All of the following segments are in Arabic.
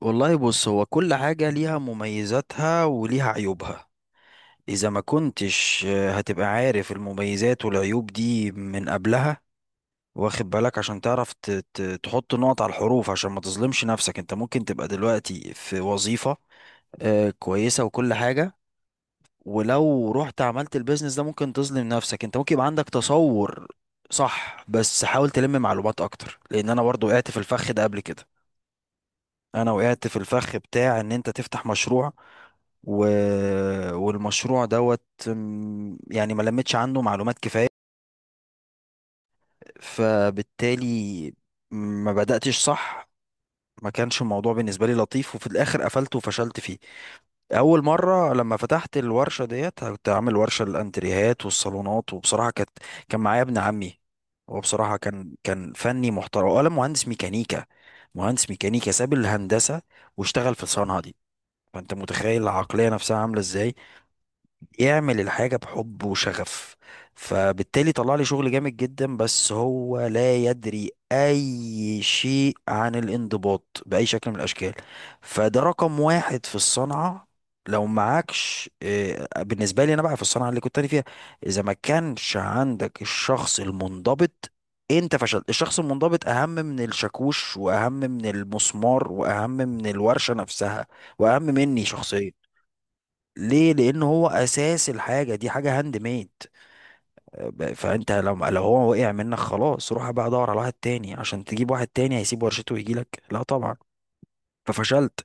والله بص، هو كل حاجة ليها مميزاتها وليها عيوبها. إذا ما كنتش هتبقى عارف المميزات والعيوب دي من قبلها، واخد بالك، عشان تعرف تحط نقط على الحروف، عشان ما تظلمش نفسك. انت ممكن تبقى دلوقتي في وظيفة كويسة وكل حاجة، ولو رحت عملت البيزنس ده ممكن تظلم نفسك. انت ممكن يبقى عندك تصور. صح، بس حاول تلم معلومات اكتر، لان انا برضو وقعت في الفخ ده قبل كده. انا وقعت في الفخ بتاع ان انت تفتح مشروع و... والمشروع دوت. يعني ما لمتش عنده معلومات كفاية، فبالتالي ما بدأتش صح. ما كانش الموضوع بالنسبة لي لطيف، وفي الآخر قفلت وفشلت فيه. أول مرة لما فتحت الورشة ديت، كنت عامل ورشة للأنتريهات والصالونات، وبصراحة كان معايا ابن عمي. هو بصراحة كان فني محترم ولا مهندس ميكانيكا. مهندس ميكانيكا ساب الهندسة واشتغل في الصنعة دي. فانت متخيل العقلية نفسها عاملة ازاي، يعمل الحاجة بحب وشغف. فبالتالي طلع لي شغل جامد جدا، بس هو لا يدري اي شيء عن الانضباط بأي شكل من الاشكال. فده رقم واحد في الصنعة. لو معكش بالنسبة لي انا بقى في الصنعة اللي كنت انا فيها، اذا ما كانش عندك الشخص المنضبط انت فشلت. الشخص المنضبط اهم من الشاكوش، واهم من المسمار، واهم من الورشة نفسها، واهم مني شخصيا. ليه؟ لان هو اساس الحاجه دي، حاجه هاند ميد. فانت لو هو وقع منك خلاص، روح بقى دور على واحد تاني. عشان تجيب واحد تاني هيسيب ورشته ويجي لك؟ لا طبعا. ففشلت.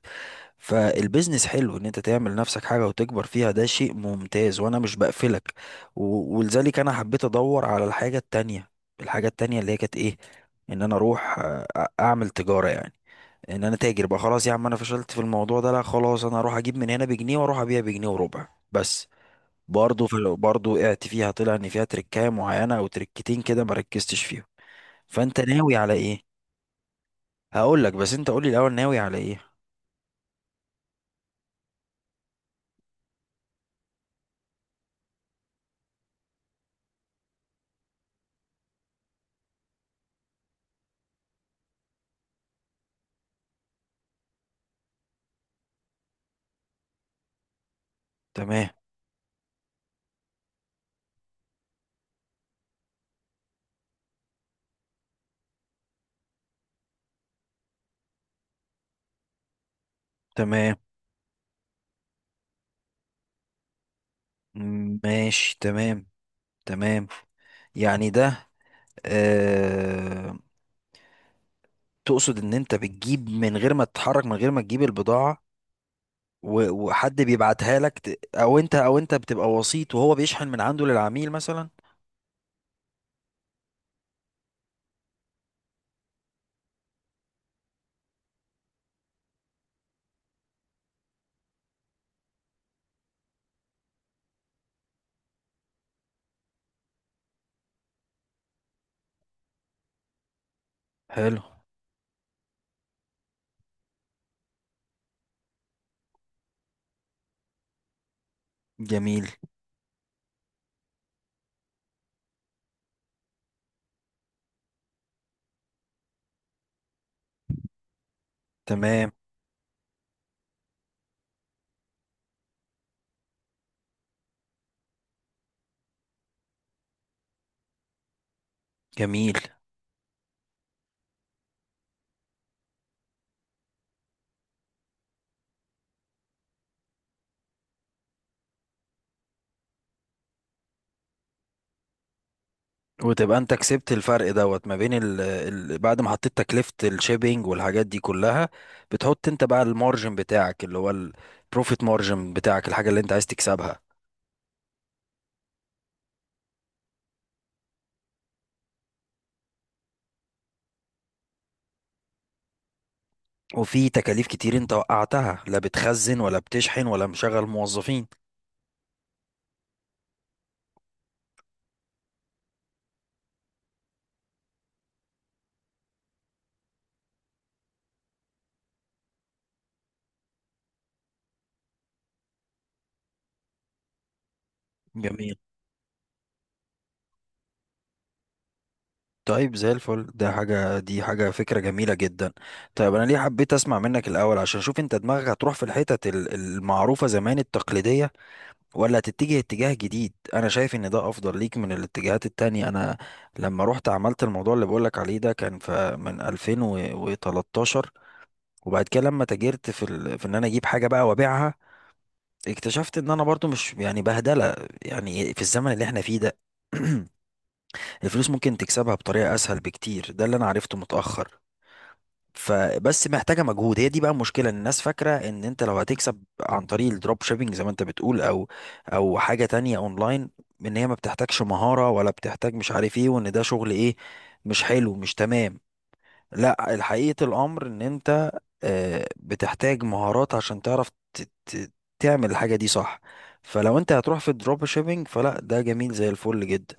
فالبيزنس حلو، ان انت تعمل نفسك حاجه وتكبر فيها ده شيء ممتاز، وانا مش بقفلك. ولذلك انا حبيت ادور على الحاجه التانيه. الحاجه التانيه اللي هي كانت ايه؟ ان انا اروح اعمل تجاره يعني، ان انا تاجر بقى. خلاص يا عم، انا فشلت في الموضوع ده، لا خلاص، انا اروح اجيب من هنا بجنيه واروح ابيع بجنيه وربع بس. برضه في برضه وقعت فيها، طلع ان فيها تركايه معينه او تركتين كده ما ركزتش فيهم. فانت ناوي على ايه؟ هقول لك، بس انت قول لي الاول، ناوي على ايه؟ تمام. تمام. ماشي، تمام. تمام. يعني ده آه... تقصد ان انت بتجيب من غير ما تتحرك، من غير ما تجيب البضاعه، وحد بيبعتها لك، او انت بتبقى وسيط وهو بيشحن من عنده للعميل مثلا؟ حلو. جميل. تمام. جميل. وتبقى انت كسبت الفرق دوت ما بين ال بعد ما حطيت تكلفة الشيبينج والحاجات دي كلها. بتحط انت بقى المارجن بتاعك، اللي هو البروفيت مارجن بتاعك، الحاجة اللي انت عايز تكسبها. وفي تكاليف كتير انت وقعتها، لا بتخزن ولا بتشحن ولا مشغل موظفين. جميل. طيب زي الفل ده، حاجة دي، حاجة فكرة جميلة جدا. طيب، أنا ليه حبيت أسمع منك الأول عشان أشوف أنت دماغك هتروح في الحتت المعروفة زمان، التقليدية، ولا تتجه اتجاه جديد. انا شايف ان ده افضل ليك من الاتجاهات التانية. انا لما رحت عملت الموضوع اللي بقولك عليه ده، كان في من 2013، وبعد كده لما تاجرت في في ان انا اجيب حاجة بقى وابيعها، اكتشفت ان انا برضو مش يعني بهدلة. يعني في الزمن اللي احنا فيه ده الفلوس ممكن تكسبها بطريقة اسهل بكتير. ده اللي انا عرفته متأخر. فبس محتاجه مجهود. هي دي بقى المشكله، إن الناس فاكره ان انت لو هتكسب عن طريق الدروب شيبينج زي ما انت بتقول، او حاجه تانية اونلاين، ان هي ما بتحتاجش مهاره، ولا بتحتاج مش عارف ايه، وان ده شغل ايه؟ مش حلو، مش تمام؟ لا، الحقيقه الامر ان انت بتحتاج مهارات عشان تعرف تعمل الحاجه دي صح. فلو انت هتروح في الدروب شيبينج فلا، ده جميل زي الفل جدا.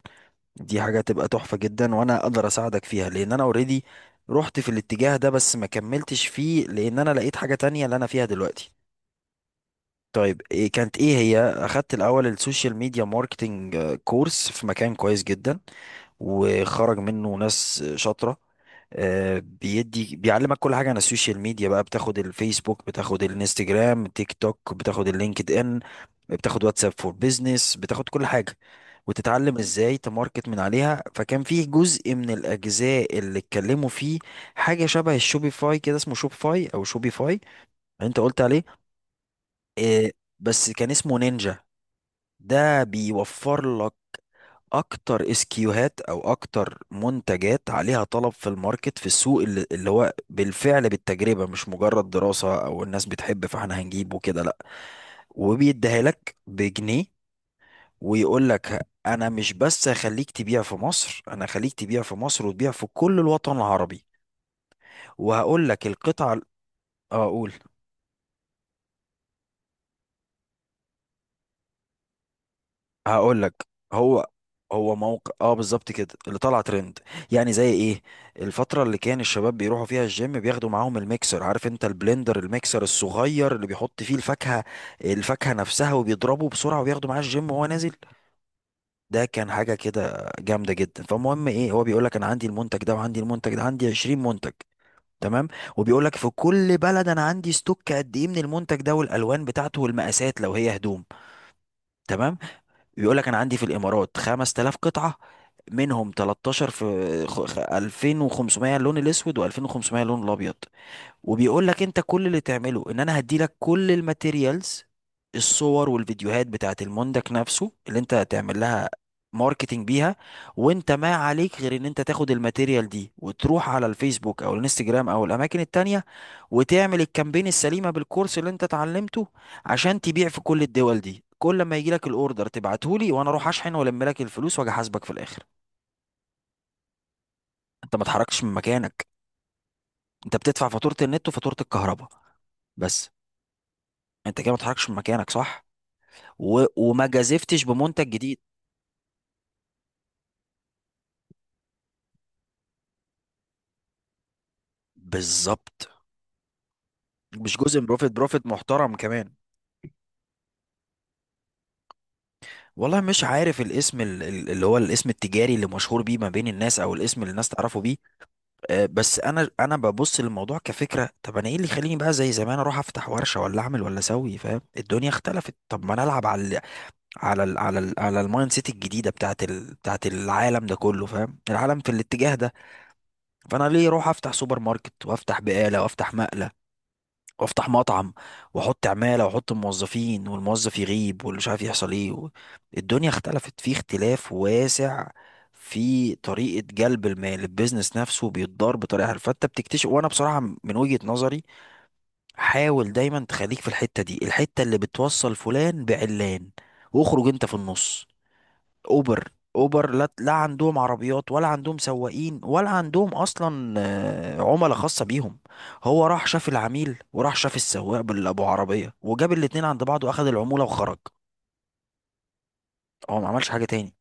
دي حاجة تبقى تحفة جدا، وانا اقدر اساعدك فيها لان انا اوريدي رحت في الاتجاه ده، بس ما كملتش فيه لان انا لقيت حاجة تانية اللي انا فيها دلوقتي. طيب إيه كانت ايه؟ هي اخدت الاول السوشيال ميديا ماركتنج، كورس في مكان كويس جدا وخرج منه ناس شاطرة. بيدي بيعلمك كل حاجة عن السوشيال ميديا بقى. بتاخد الفيسبوك، بتاخد الانستجرام، تيك توك، بتاخد اللينكد ان، بتاخد واتساب فور بيزنس، بتاخد كل حاجة، وتتعلم ازاي تماركت من عليها. فكان فيه جزء من الاجزاء اللي اتكلموا فيه حاجة شبه الشوبيفاي كده، اسمه شوبفاي او شوبيفاي، انت قلت عليه، بس كان اسمه نينجا. ده بيوفر لك اكتر اسكيوهات، او اكتر منتجات عليها طلب في الماركت، في السوق، اللي هو بالفعل بالتجربة، مش مجرد دراسة او الناس بتحب فاحنا هنجيبه كده، لا. وبيديها لك بجنيه. ويقول لك انا مش بس هخليك تبيع في مصر، انا هخليك تبيع في مصر وتبيع في كل الوطن العربي. وهقول لك القطعة اه اقول، هقول لك. هو هو موقع اه، بالظبط كده اللي طلع ترند. يعني زي ايه؟ الفتره اللي كان الشباب بيروحوا فيها الجيم بياخدوا معاهم الميكسر، عارف انت البلندر، الميكسر الصغير اللي بيحط فيه الفاكهه، الفاكهه نفسها وبيضربه بسرعه وبياخده معاه الجيم وهو نازل. ده كان حاجه كده جامده جدا. فالمهم ايه، هو بيقول لك انا عندي المنتج ده وعندي المنتج ده، عندي 20 منتج. تمام. وبيقول لك في كل بلد انا عندي ستوك قد ايه من المنتج ده، والالوان بتاعته والمقاسات لو هي هدوم. تمام. بيقول لك انا عندي في الامارات 5000 قطعه، منهم 13 في 2500 اللون الاسود، و2500 اللون الابيض. وبيقول لك انت كل اللي تعمله، ان انا هدي لك كل الماتيريالز، الصور والفيديوهات بتاعت المنتج نفسه اللي انت هتعمل لها ماركتينج بيها. وانت ما عليك غير ان انت تاخد الماتيريال دي وتروح على الفيسبوك او الانستجرام او الاماكن التانية وتعمل الكامبين السليمة بالكورس اللي انت اتعلمته عشان تبيع في كل الدول دي. كل ما يجي لك الاوردر تبعته لي، وانا اروح اشحن والم لك الفلوس واجي احاسبك في الاخر. انت ما اتحركتش من مكانك. انت بتدفع فاتورة النت وفاتورة الكهرباء، بس. انت كده ما اتحركش من مكانك، صح وما جازفتش بمنتج جديد. بالظبط، مش جزء من بروفيت، بروفيت محترم كمان. والله مش عارف الاسم اللي هو الاسم التجاري اللي مشهور بيه ما بين الناس، او الاسم اللي الناس تعرفه بيه. بس انا ببص للموضوع كفكره. طب انا ايه اللي يخليني بقى زي زمان اروح افتح ورشه، ولا اعمل، ولا اسوي؟ فاهم؟ الدنيا اختلفت. طب ما انا العب على ال على ال على ال على المايند سيت الجديده بتاعت العالم ده كله. فاهم؟ العالم في الاتجاه ده. فانا ليه اروح افتح سوبر ماركت، وافتح بقاله، وافتح مقلب، وافتح مطعم، واحط عماله، واحط موظفين، والموظف يغيب واللي مش عارف يحصل ايه الدنيا اختلفت في اختلاف واسع في طريقه جلب المال. البيزنس نفسه بيتضار بطريقه حلوه، فانت بتكتشف. وانا بصراحه من وجهه نظري، حاول دايما تخليك في الحته دي، الحته اللي بتوصل فلان بعلان، واخرج انت في النص. اوبر، اوبر، لا، لا عندهم عربيات، ولا عندهم سواقين، ولا عندهم اصلا عملاء خاصه بيهم. هو راح شاف العميل، وراح شاف السواق، باللي ابو عربيه، وجاب الاتنين عند بعض، واخد العموله وخرج. هو ما عملش حاجه تاني.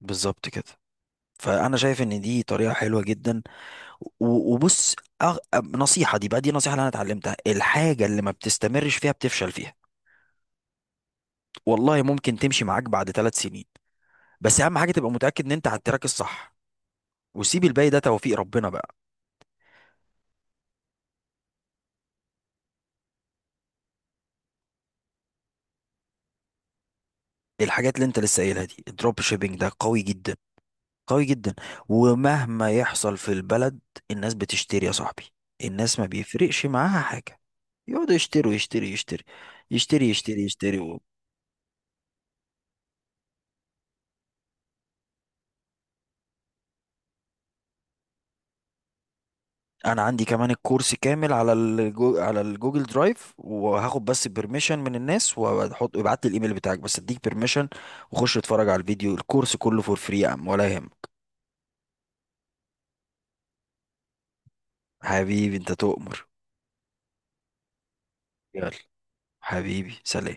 بالظبط كده. فانا شايف ان دي طريقه حلوه جدا. وبص، أغ... نصيحه دي بقى، دي نصيحه اللي انا اتعلمتها: الحاجه اللي ما بتستمرش فيها بتفشل فيها. والله ممكن تمشي معاك بعد 3 سنين، بس اهم حاجه تبقى متاكد ان انت على التراك الصح، وسيب الباقي ده توفيق ربنا بقى. الحاجات اللي انت لسه قايلها دي، الدروب شيبينج ده قوي جدا، قوي جدا. ومهما يحصل في البلد الناس بتشتري يا صاحبي. الناس ما بيفرقش معاها حاجة. يقعدوا يشتروا، يشتري يشتري يشتري، يشتري يشتري انا عندي كمان الكورس كامل على على الجوجل درايف. وهاخد بس بيرميشن من الناس وهحط. ابعت لي الايميل بتاعك بس اديك بيرميشن، وخش اتفرج على الفيديو، الكورس كله فور فري يا عم، ولا يهم. حبيبي انت تؤمر. يلا. حبيبي سلام.